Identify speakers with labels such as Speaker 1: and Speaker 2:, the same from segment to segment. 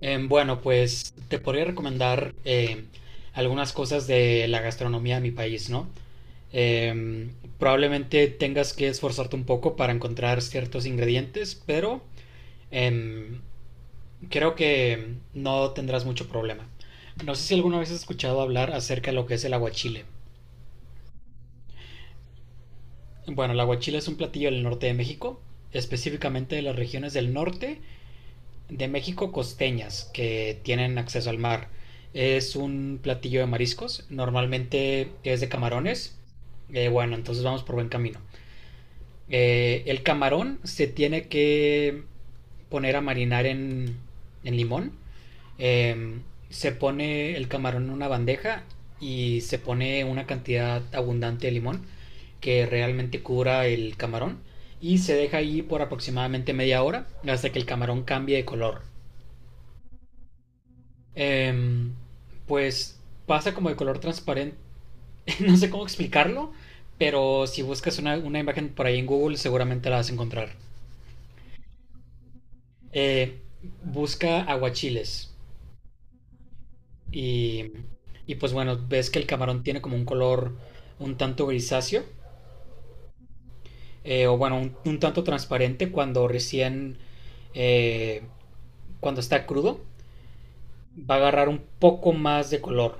Speaker 1: Bueno, pues te podría recomendar algunas cosas de la gastronomía de mi país, ¿no? Eh, Probablemente tengas que esforzarte un poco para encontrar ciertos ingredientes, pero em, creo que no tendrás mucho problema. No sé si alguna vez has escuchado hablar acerca de lo que es el aguachile. Bueno, el aguachile es un platillo del norte de México, específicamente de las regiones del norte de México costeñas que tienen acceso al mar. Es un platillo de mariscos, normalmente es de camarones. Bueno, entonces vamos por buen camino. El camarón se tiene que poner a marinar en limón. Eh, Se pone el camarón en una bandeja y se pone una cantidad abundante de limón que realmente cubra el camarón y se deja ahí por aproximadamente media hora hasta que el camarón cambie de color. em, pues pasa como de color transparente, no sé cómo explicarlo, pero si buscas una imagen por ahí en Google seguramente la vas a encontrar. Eh, Busca aguachiles y, y pues bueno, ves que el camarón tiene como un color un tanto grisáceo, o bueno, un tanto transparente cuando recién, eh, cuando está crudo, va a agarrar un poco más de color.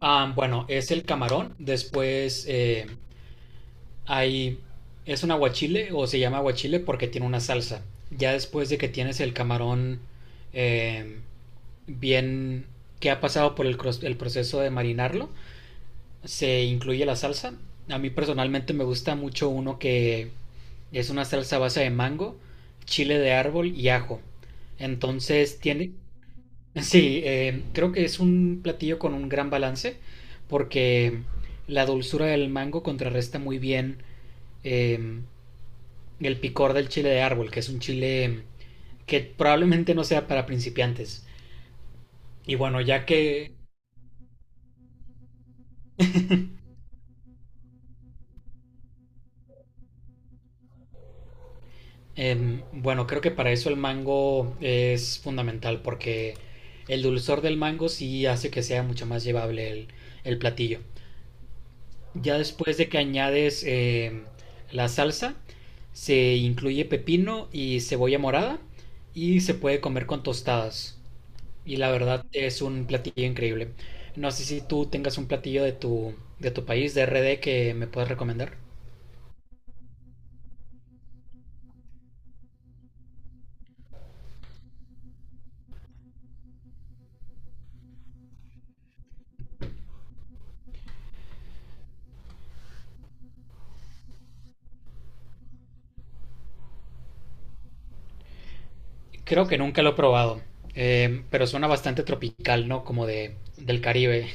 Speaker 1: Ah, bueno, es el camarón, después... Hay, es un aguachile o se llama aguachile porque tiene una salsa. Ya después de que tienes el camarón eh, bien, que ha pasado por el proceso de marinarlo, se incluye la salsa. A mí personalmente me gusta mucho uno que es una salsa a base de mango, chile de árbol y ajo. Entonces tiene, sí, creo que es un platillo con un gran balance porque la dulzura del mango contrarresta muy bien, eh, el picor del chile de árbol, que es un chile que probablemente no sea para principiantes. Y bueno, ya que, bueno, creo que para eso el mango es fundamental, porque el dulzor del mango sí hace que sea mucho más llevable el platillo. Ya después de que añades la salsa, se incluye pepino y cebolla morada y se puede comer con tostadas. Y la verdad es un platillo increíble. No sé si tú tengas un platillo de tu país, de RD, que me puedas recomendar. Creo que nunca lo he probado, pero suena bastante tropical, ¿no? Como de, del Caribe.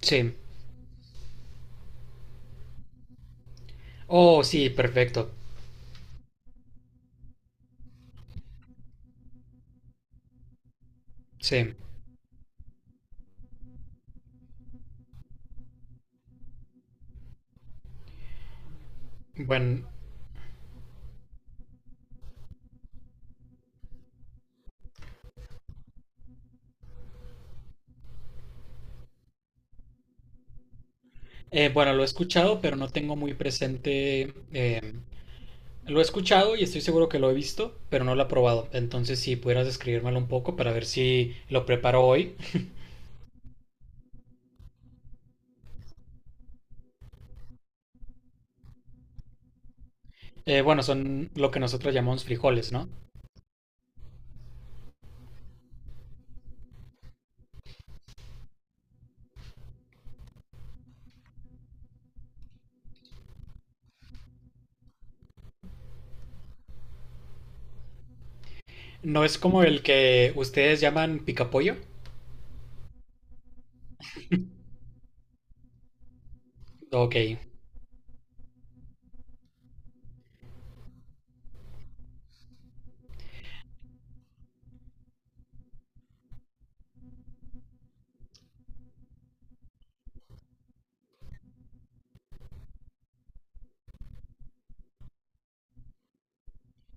Speaker 1: Sí. Oh, sí, perfecto. Sí. Bueno, bueno, lo he escuchado, pero no tengo muy presente. Lo he escuchado y estoy seguro que lo he visto, pero no lo he probado. Entonces, si pudieras describírmelo un poco para ver si lo preparo hoy. Bueno, son lo que nosotros llamamos frijoles, ¿no? ¿No es como el que ustedes llaman picapollo? Ok.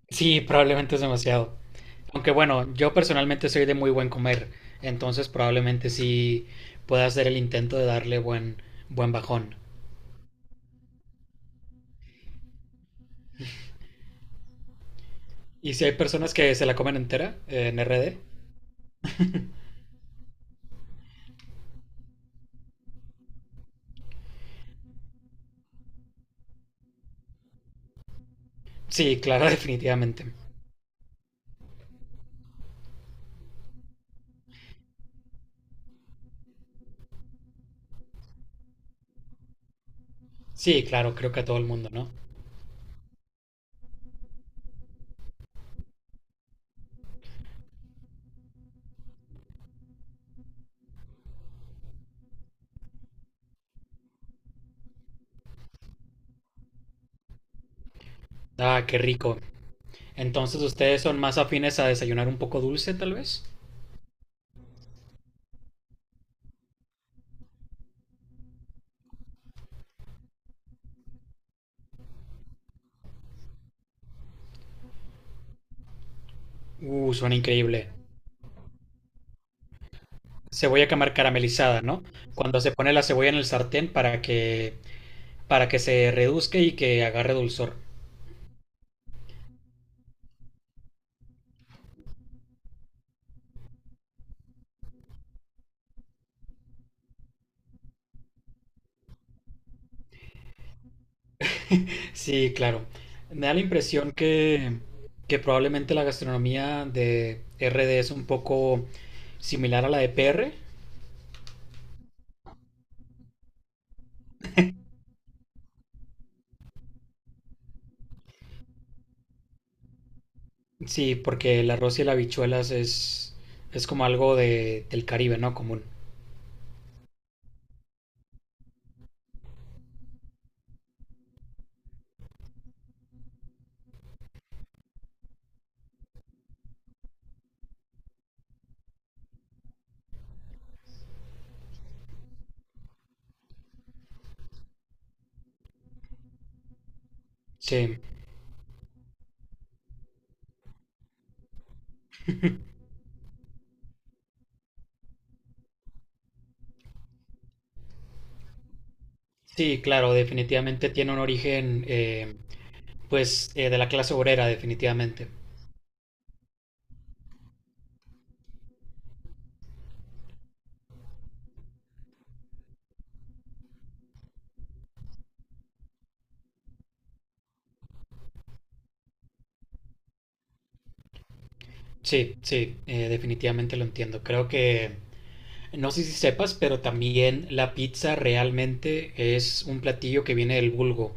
Speaker 1: Sí, probablemente es demasiado. Aunque bueno, yo personalmente soy de muy buen comer, entonces probablemente sí pueda hacer el intento de darle buen, buen bajón. ¿Y si hay personas que se la comen entera, en RD? Sí, claro, definitivamente. Sí, claro, creo que a todo el mundo, ¿no? Ah, qué rico. Entonces ustedes son más afines a desayunar un poco dulce, tal vez. Suena increíble. Cebolla caramelizada, ¿no? Cuando se pone la cebolla en el sartén para que se reduzca y que agarre dulzor. Sí, claro. Me da la impresión que probablemente la gastronomía de RD es un poco similar a la de PR. Sí, porque el arroz y las habichuelas es como algo de, del Caribe, ¿no? Común. Sí, sí, claro, definitivamente tiene un origen, de la clase obrera, definitivamente. Sí, sí, definitivamente lo entiendo. Creo que, no sé si sepas, pero también la pizza realmente es un platillo que viene del vulgo,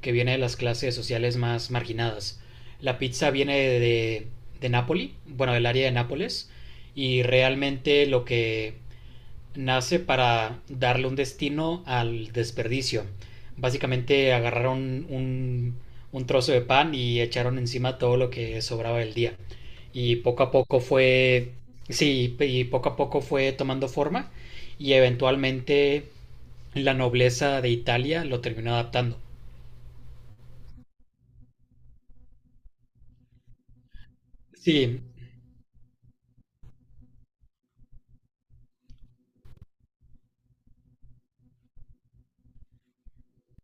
Speaker 1: que viene de las clases sociales más marginadas. La pizza viene de Nápoli, bueno, del área de Nápoles, y realmente lo que nace para darle un destino al desperdicio. Básicamente agarraron un trozo de pan y echaron encima todo lo que sobraba del día. Y poco a poco fue, sí, y poco a poco fue tomando forma y eventualmente la nobleza de Italia lo terminó adaptando. Sí,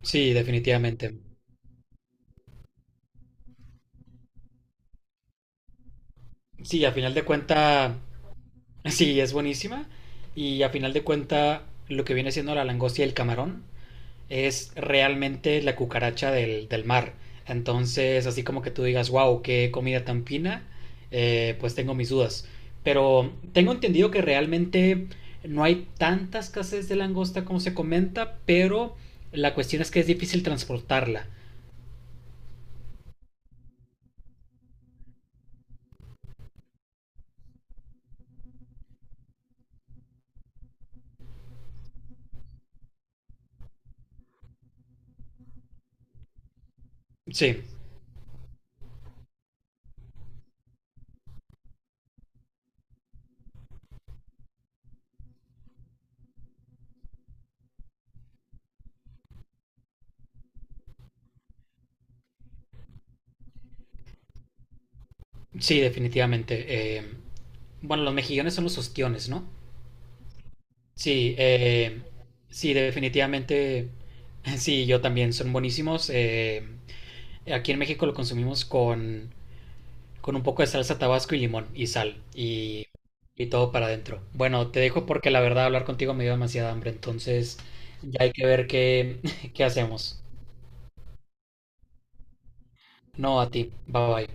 Speaker 1: sí, definitivamente. Sí, a final de cuenta, sí, es buenísima. Y a final de cuenta, lo que viene siendo la langosta y el camarón es realmente la cucaracha del, del mar. Entonces, así como que tú digas, wow, qué comida tan fina, pues tengo mis dudas. Pero tengo entendido que realmente no hay tanta escasez de langosta como se comenta, pero la cuestión es que es difícil transportarla. Sí, sí, definitivamente. Bueno, los mejillones son los ostiones, ¿no? Sí, sí, definitivamente. Sí, yo también, son buenísimos. Aquí en México lo consumimos con un poco de salsa tabasco y limón y sal y todo para adentro. Bueno, te dejo porque la verdad hablar contigo me dio demasiada hambre, entonces ya hay que ver qué, qué hacemos. No, a ti, bye bye.